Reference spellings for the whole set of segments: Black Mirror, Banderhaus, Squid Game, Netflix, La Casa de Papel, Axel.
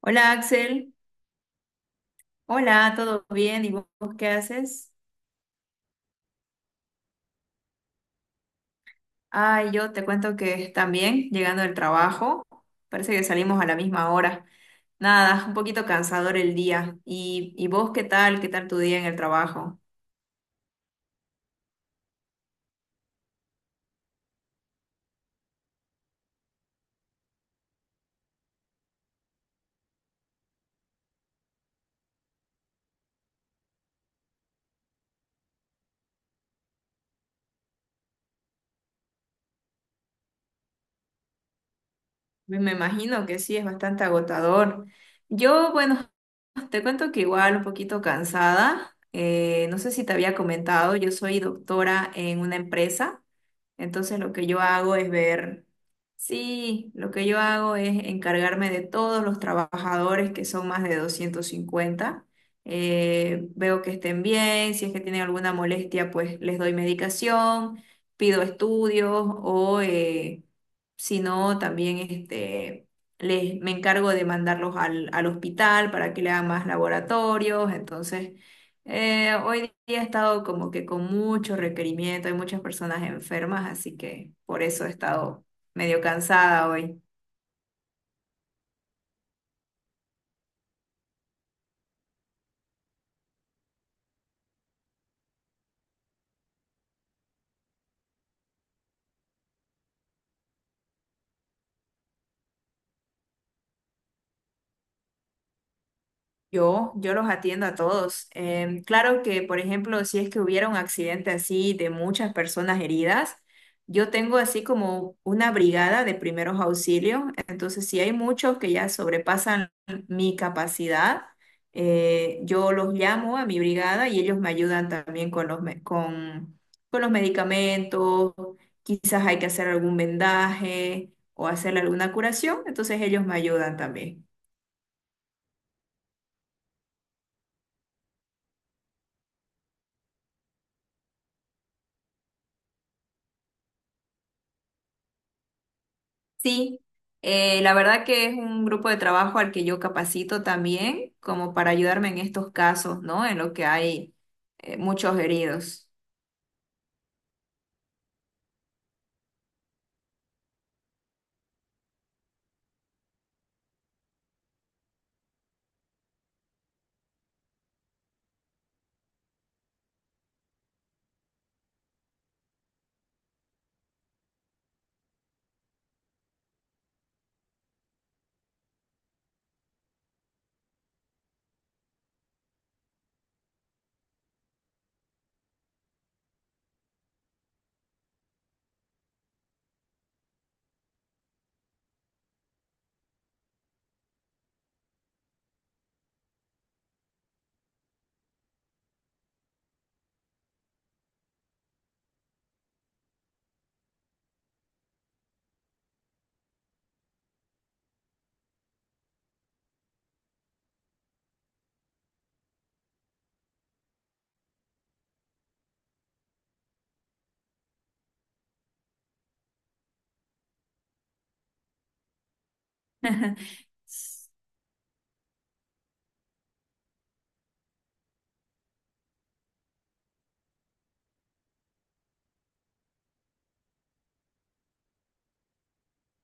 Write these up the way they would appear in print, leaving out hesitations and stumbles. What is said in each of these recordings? Hola Axel, hola, ¿todo bien? ¿Y vos qué haces? Ah, yo te cuento que también llegando del trabajo, parece que salimos a la misma hora. Nada, un poquito cansador el día. ¿Y vos qué tal? ¿Qué tal tu día en el trabajo? Pues me imagino que sí, es bastante agotador. Yo, bueno, te cuento que igual un poquito cansada. No sé si te había comentado, yo soy doctora en una empresa, entonces lo que yo hago es ver, sí, lo que yo hago es encargarme de todos los trabajadores que son más de 250. Veo que estén bien, si es que tienen alguna molestia, pues les doy medicación, pido estudios, sino también este, me encargo de mandarlos al hospital para que le hagan más laboratorios. Entonces, hoy día he estado como que con mucho requerimiento, hay muchas personas enfermas, así que por eso he estado medio cansada hoy. Yo los atiendo a todos. Claro que, por ejemplo, si es que hubiera un accidente así de muchas personas heridas, yo tengo así como una brigada de primeros auxilios. Entonces, si hay muchos que ya sobrepasan mi capacidad, yo los llamo a mi brigada y ellos me ayudan también con con los medicamentos. Quizás hay que hacer algún vendaje o hacer alguna curación. Entonces, ellos me ayudan también. Sí, la verdad que es un grupo de trabajo al que yo capacito también, como para ayudarme en estos casos, ¿no? En lo que hay muchos heridos.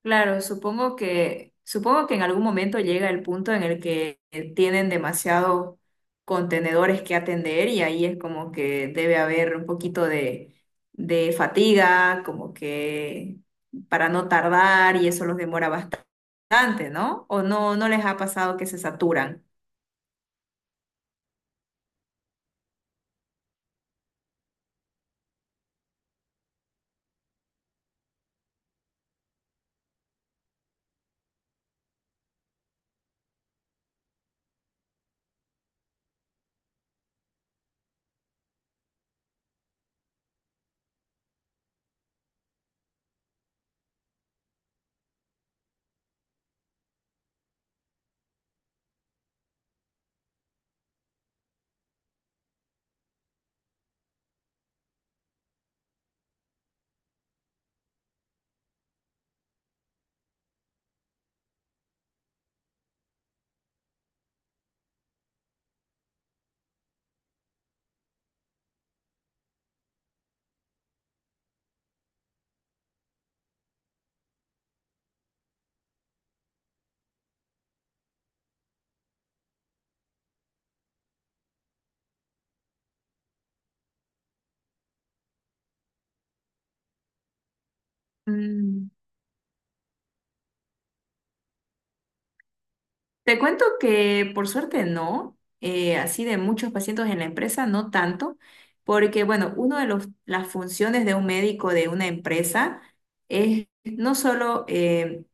Claro, supongo que en algún momento llega el punto en el que tienen demasiados contenedores que atender y ahí es como que debe haber un poquito de fatiga, como que para no tardar y eso los demora bastante, ¿no? ¿O no, no les ha pasado que se saturan? Mm. Te cuento que por suerte no, así de muchos pacientes en la empresa, no tanto, porque bueno, una de las funciones de un médico de una empresa es no solo, eh,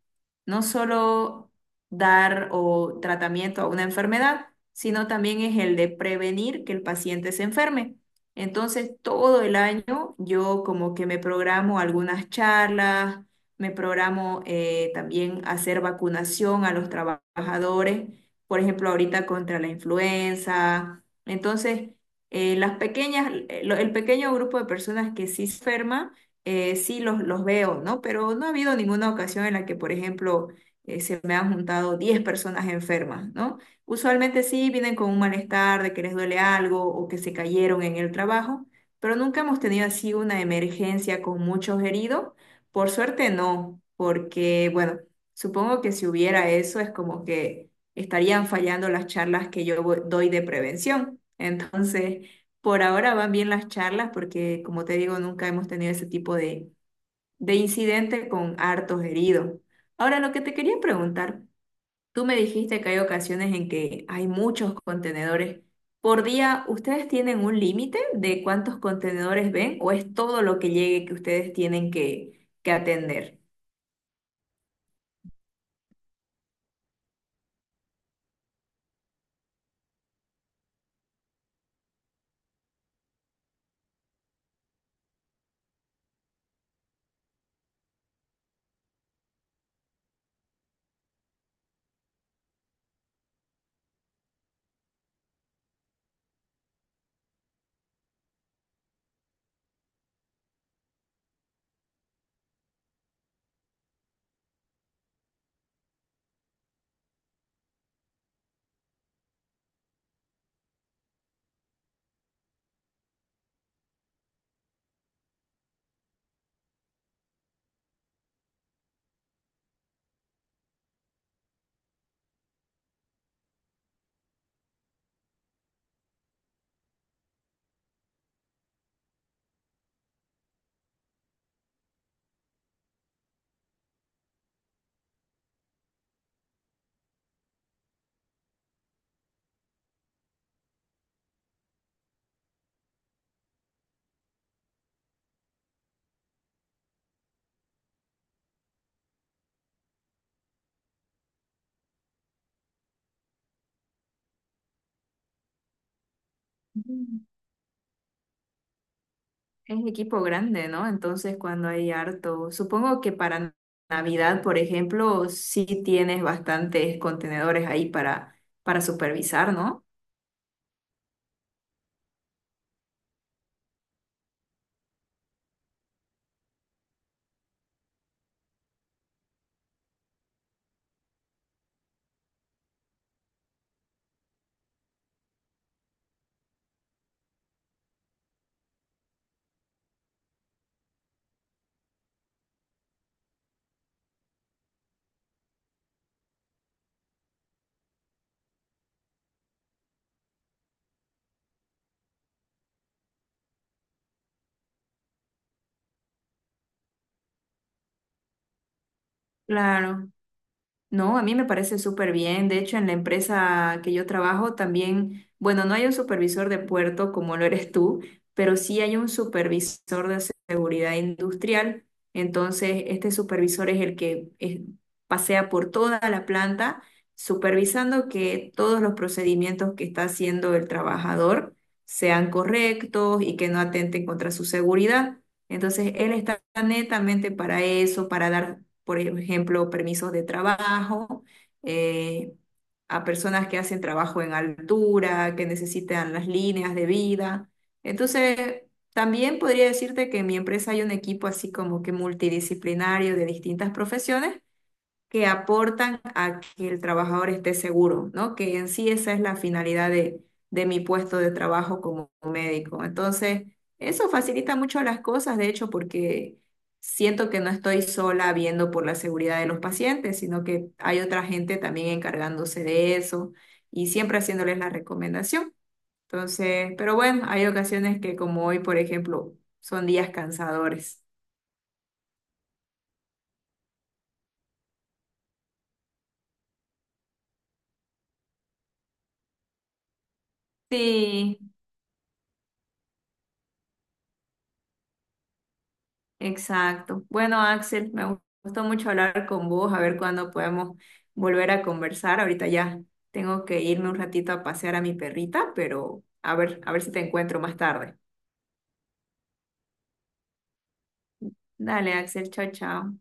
no solo dar o tratamiento a una enfermedad, sino también es el de prevenir que el paciente se enferme. Entonces, todo el año yo como que me programo algunas charlas, me programo también hacer vacunación a los trabajadores, por ejemplo, ahorita contra la influenza. Entonces, el pequeño grupo de personas que sí se enferma, los veo, ¿no? Pero no ha habido ninguna ocasión en la que, por ejemplo, se me han juntado 10 personas enfermas, ¿no? Usualmente sí vienen con un malestar de que les duele algo o que se cayeron en el trabajo, pero nunca hemos tenido así una emergencia con muchos heridos, por suerte no, porque bueno, supongo que si hubiera eso es como que estarían fallando las charlas que doy de prevención. Entonces, por ahora van bien las charlas porque, como te digo, nunca hemos tenido ese tipo de incidente con hartos heridos. Ahora, lo que te quería preguntar, tú me dijiste que hay ocasiones en que hay muchos contenedores. Por día, ¿ustedes tienen un límite de cuántos contenedores ven o es todo lo que llegue que ustedes tienen que atender? Mm. Es equipo grande, ¿no? Entonces, cuando hay harto, supongo que para Navidad, por ejemplo, sí tienes bastantes contenedores ahí para supervisar, ¿no? Claro. No, a mí me parece súper bien. De hecho, en la empresa que yo trabajo también, bueno, no hay un supervisor de puerto como lo eres tú, pero sí hay un supervisor de seguridad industrial. Entonces, este supervisor es el que pasea por toda la planta, supervisando que todos los procedimientos que está haciendo el trabajador sean correctos y que no atenten contra su seguridad. Entonces, él está netamente para eso, para dar, por ejemplo, permisos de trabajo, eh, a personas que hacen trabajo en altura, que necesitan las líneas de vida. Entonces, también podría decirte que en mi empresa hay un equipo así como que multidisciplinario de distintas profesiones que aportan a que el trabajador esté seguro, ¿no? Que en sí esa es la finalidad de mi puesto de trabajo como médico. Entonces, eso facilita mucho las cosas, de hecho, porque siento que no estoy sola viendo por la seguridad de los pacientes, sino que hay otra gente también encargándose de eso y siempre haciéndoles la recomendación. Entonces, pero bueno, hay ocasiones que como hoy, por ejemplo, son días cansadores. Sí, exacto. Bueno, Axel, me gustó mucho hablar con vos, a ver cuándo podemos volver a conversar. Ahorita ya tengo que irme un ratito a pasear a mi perrita, pero a ver si te encuentro más tarde. Dale, Axel, chao, chao.